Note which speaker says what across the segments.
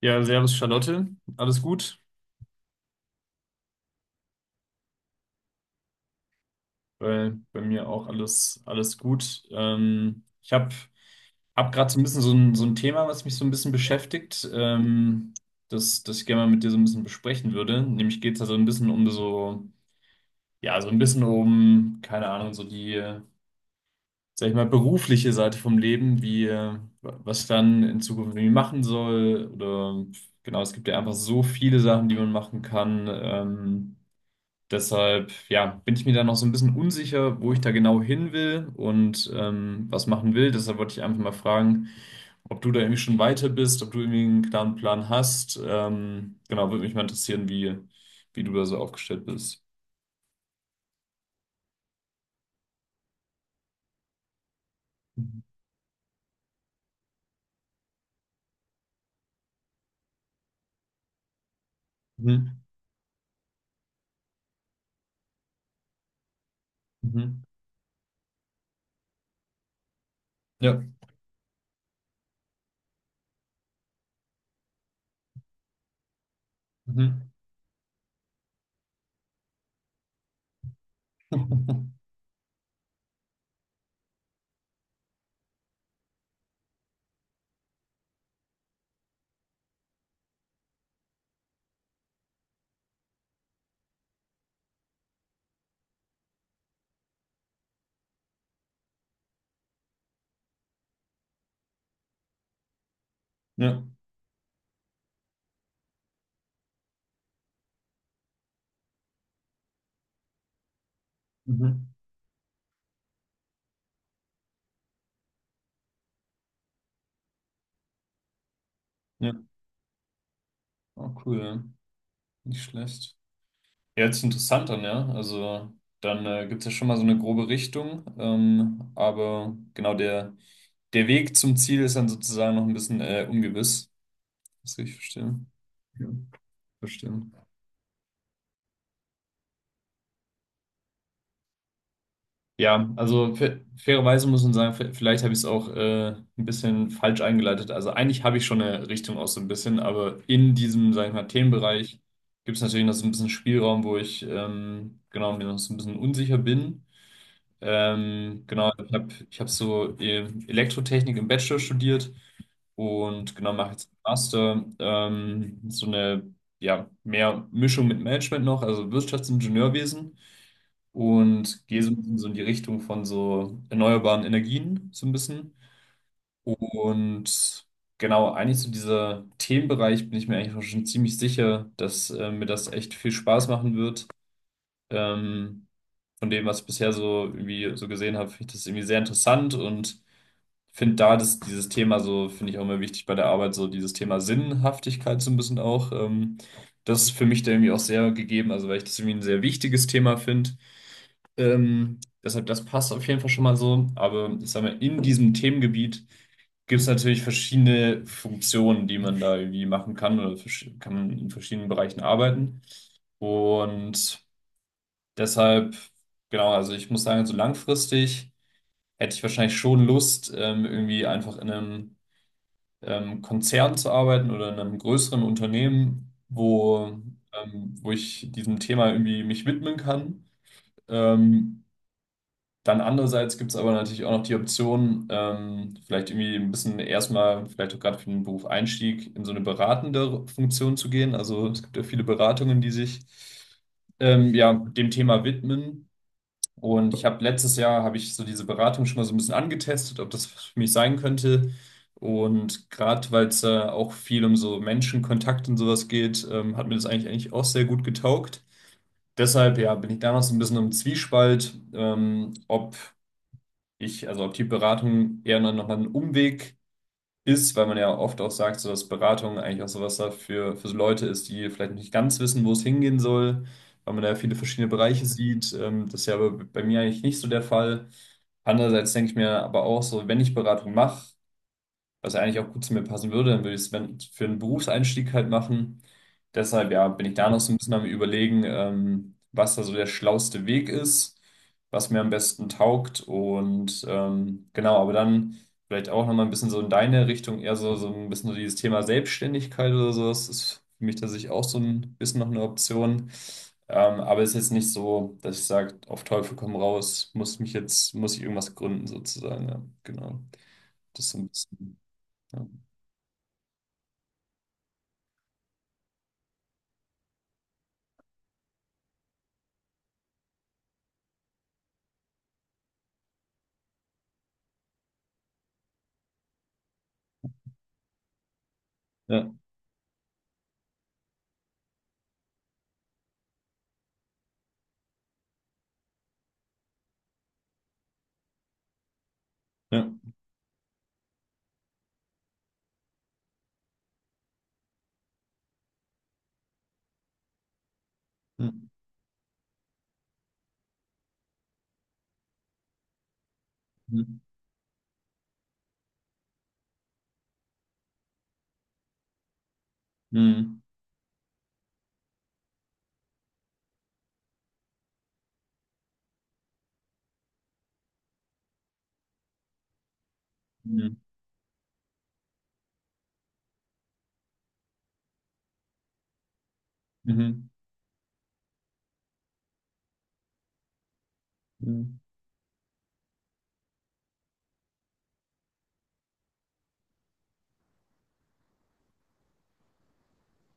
Speaker 1: Ja, servus Charlotte, alles gut? Bei mir auch alles, alles gut. Ich habe hab hab gerade so ein bisschen so so ein Thema, was mich so ein bisschen beschäftigt, das, das ich gerne mal mit dir so ein bisschen besprechen würde. Nämlich geht es da so ein bisschen um so, ja, so ein bisschen um, keine Ahnung, so die, sag ich mal, berufliche Seite vom Leben, was ich dann in Zukunft irgendwie machen soll. Oder genau, es gibt ja einfach so viele Sachen, die man machen kann. Deshalb, ja, bin ich mir da noch so ein bisschen unsicher, wo ich da genau hin will und was machen will. Deshalb wollte ich einfach mal fragen, ob du da irgendwie schon weiter bist, ob du irgendwie einen klaren Plan hast. Genau, würde mich mal interessieren, wie du da so aufgestellt bist. Mhm. Mhm. Ja. Mhm. Ja. Mhm. Ja. Oh, cool. Ja. Nicht schlecht. Ja, hört sich interessant an, ja. Also dann gibt es ja schon mal so eine grobe Richtung. Aber genau der Weg zum Ziel ist dann sozusagen noch ein bisschen ungewiss. Das kann ich verstehen. Ja, verstehen. Ja, also fairerweise muss man sagen, vielleicht habe ich es auch ein bisschen falsch eingeleitet. Also eigentlich habe ich schon eine Richtung aus so ein bisschen, aber in diesem, sag ich mal, Themenbereich gibt es natürlich noch so ein bisschen Spielraum, wo ich genau mir noch so ein bisschen unsicher bin. Genau, ich habe ich hab so Elektrotechnik im Bachelor studiert und genau mache jetzt einen Master. So eine ja, mehr Mischung mit Management noch, also Wirtschaftsingenieurwesen und gehe so ein bisschen so in die Richtung von so erneuerbaren Energien so ein bisschen. Und genau, eigentlich zu so dieser Themenbereich bin ich mir eigentlich auch schon ziemlich sicher, dass mir das echt viel Spaß machen wird. Ähm, von dem, was ich bisher so irgendwie so gesehen habe, finde ich das irgendwie sehr interessant und finde da dieses Thema so, finde ich auch immer wichtig bei der Arbeit, so dieses Thema Sinnhaftigkeit so ein bisschen auch. Das ist für mich da irgendwie auch sehr gegeben, also weil ich das irgendwie ein sehr wichtiges Thema finde. Deshalb, das passt auf jeden Fall schon mal so. Aber ich sag mal, in diesem Themengebiet gibt es natürlich verschiedene Funktionen, die man da irgendwie machen kann oder kann man in verschiedenen Bereichen arbeiten. Und Deshalb, genau, also ich muss sagen, so langfristig hätte ich wahrscheinlich schon Lust, irgendwie einfach in einem Konzern zu arbeiten oder in einem größeren Unternehmen, wo ich diesem Thema irgendwie mich widmen kann. Ähm, dann andererseits gibt es aber natürlich auch noch die Option, vielleicht irgendwie ein bisschen erstmal, vielleicht auch gerade für den Beruf Einstieg, in so eine beratende Funktion zu gehen. Also es gibt ja viele Beratungen, die sich ja, dem Thema widmen. Und ich habe letztes Jahr habe ich so diese Beratung schon mal so ein bisschen angetestet, ob das für mich sein könnte. Und gerade weil es auch viel um so Menschenkontakt und sowas geht, hat mir das eigentlich auch sehr gut getaugt. Deshalb ja, bin ich da noch so ein bisschen im Zwiespalt, ob ich, also ob die Beratung eher noch mal ein Umweg ist, weil man ja oft auch sagt, so dass Beratung eigentlich auch sowas da für so Leute ist, die vielleicht nicht ganz wissen, wo es hingehen soll, weil man da ja viele verschiedene Bereiche sieht. Das ist ja aber bei mir eigentlich nicht so der Fall. Andererseits denke ich mir aber auch so, wenn ich Beratung mache, was eigentlich auch gut zu mir passen würde. Dann würde ich es für einen Berufseinstieg halt machen. Deshalb, ja, bin ich da noch so ein bisschen am Überlegen, was da so der schlauste Weg ist, was mir am besten taugt und genau, aber dann vielleicht auch nochmal ein bisschen so in deine Richtung, eher so, so ein bisschen so dieses Thema Selbstständigkeit oder sowas ist für mich tatsächlich auch so ein bisschen noch eine Option. Aber es ist jetzt nicht so, dass ich sage, auf Teufel komm raus, muss ich irgendwas gründen sozusagen, ja, genau. Das ist so ein bisschen, ja. Ja, ja. Mhm. Mhm. Mhm. Mhm.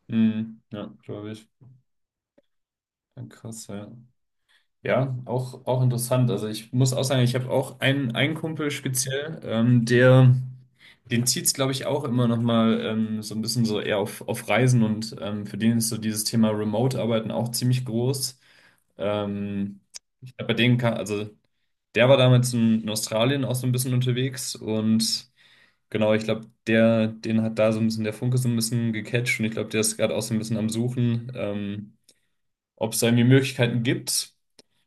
Speaker 1: Mhm. Ja, glaube ich. Krass, ja. Ja, auch, auch interessant. Also ich muss auch sagen, ich habe auch einen Kumpel speziell, den zieht's, glaube ich, auch immer noch mal so ein bisschen so eher auf Reisen und für den ist so dieses Thema Remote-Arbeiten auch ziemlich groß. Ähm, ich glaube, bei denen kann, also der war damals in Australien auch so ein bisschen unterwegs und genau, ich glaube, den hat da so ein bisschen der Funke so ein bisschen gecatcht und ich glaube, der ist gerade auch so ein bisschen am Suchen, ob es da irgendwie Möglichkeiten gibt.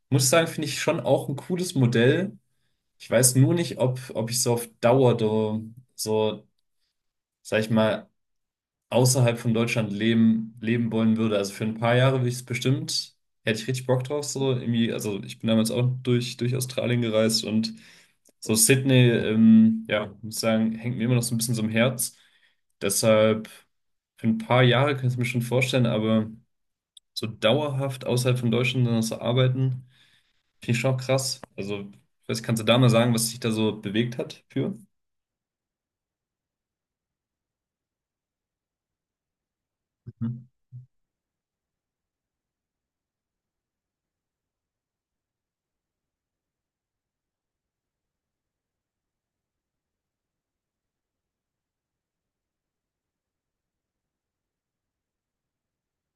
Speaker 1: Muss sagen, finde ich schon auch ein cooles Modell. Ich weiß nur nicht, ob ich so auf Dauer so, so, sag ich mal, außerhalb von Deutschland leben wollen würde. Also für ein paar Jahre würde ich es bestimmt, hätte ich richtig Bock drauf, so irgendwie, also ich bin damals auch durch Australien gereist und so Sydney, ja, muss sagen, hängt mir immer noch so ein bisschen so im Herz. Deshalb für ein paar Jahre kann ich es mir schon vorstellen, aber so dauerhaft außerhalb von Deutschland dann noch so arbeiten. Finde ich schon auch krass. Also, was kannst du da mal sagen, was dich da so bewegt hat für? Mhm.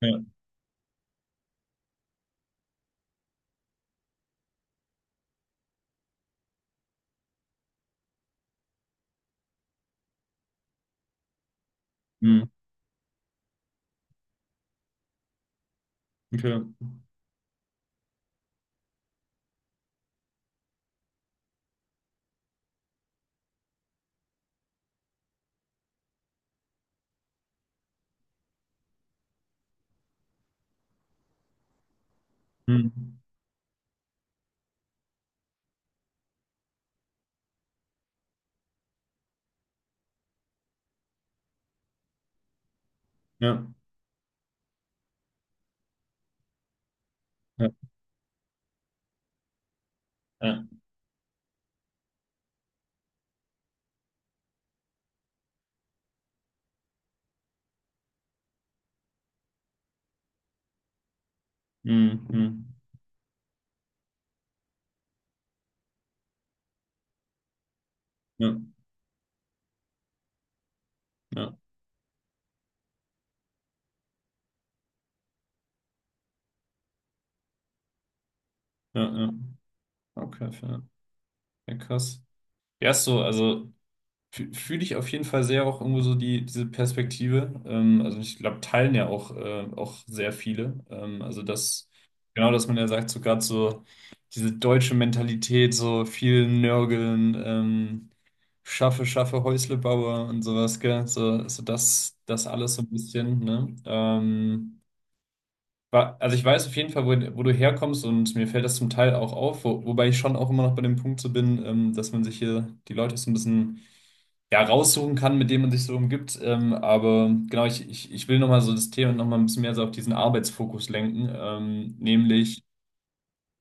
Speaker 1: Ja. Mhm. Okay. Mhm. Ja. Ja. Ja. Mhm. Mhm. Ja. Ja. Ja. Ja. Okay, fair. Ja, krass. Ja, ist so, also. Fühle ich auf jeden Fall sehr auch irgendwo so diese Perspektive. Also ich glaube, teilen ja auch auch sehr viele. Also das, genau, dass man ja sagt, so gerade so diese deutsche Mentalität, so viel Nörgeln, schaffe, schaffe, Häusle baue und sowas, gell? So, so das, das alles so ein bisschen, ne? Also ich weiß auf jeden Fall, wo du herkommst und mir fällt das zum Teil auch auf, wo, wobei ich schon auch immer noch bei dem Punkt so bin, dass man sich hier die Leute so ein bisschen ja, raussuchen kann, mit dem man sich so umgibt. Aber genau, ich will nochmal so das Thema nochmal ein bisschen mehr so auf diesen Arbeitsfokus lenken. Ähm, nämlich,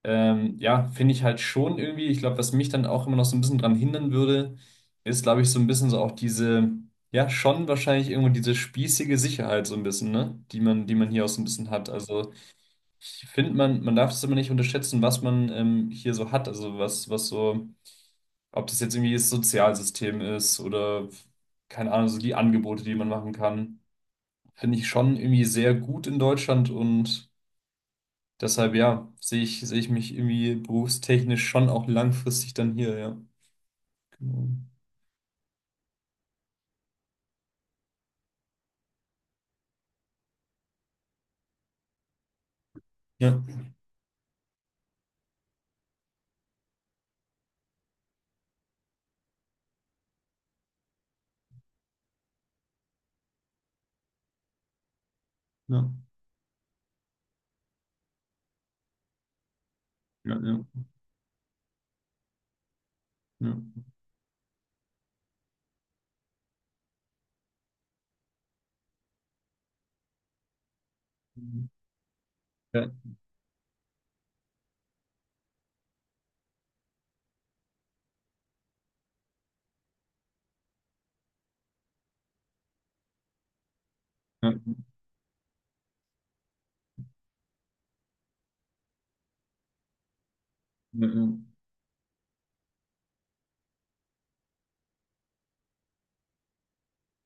Speaker 1: ähm, ja, finde ich halt schon irgendwie, ich glaube, was mich dann auch immer noch so ein bisschen dran hindern würde, ist, glaube ich, so ein bisschen so auch diese, ja, schon wahrscheinlich irgendwo diese spießige Sicherheit so ein bisschen, ne? Die man hier auch so ein bisschen hat. Also ich finde, man darf es immer nicht unterschätzen, was man hier so hat. Also was so. Ob das jetzt irgendwie das Sozialsystem ist oder keine Ahnung, so die Angebote, die man machen kann, finde ich schon irgendwie sehr gut in Deutschland und deshalb ja, sehe ich mich irgendwie berufstechnisch schon auch langfristig dann hier, ja. Genau. Ja, ja, ja, ja, ja. Ja, ja, ja, ja, ja,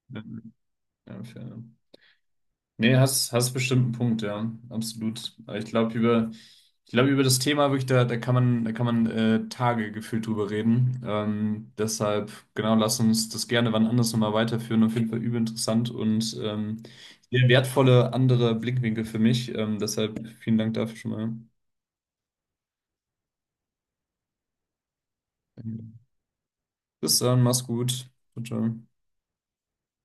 Speaker 1: ja, ja, fair. Nee, hast bestimmt einen Punkt, ja, absolut. Aber ich glaube, über das Thema wirklich, da kann man, da kann man Tage gefühlt drüber reden. Deshalb, genau, lass uns das gerne wann anders nochmal weiterführen. Auf jeden Fall übel interessant und sehr wertvolle andere Blickwinkel für mich. Deshalb vielen Dank dafür schon mal. Bis dann, mach's gut. Ciao, ciao.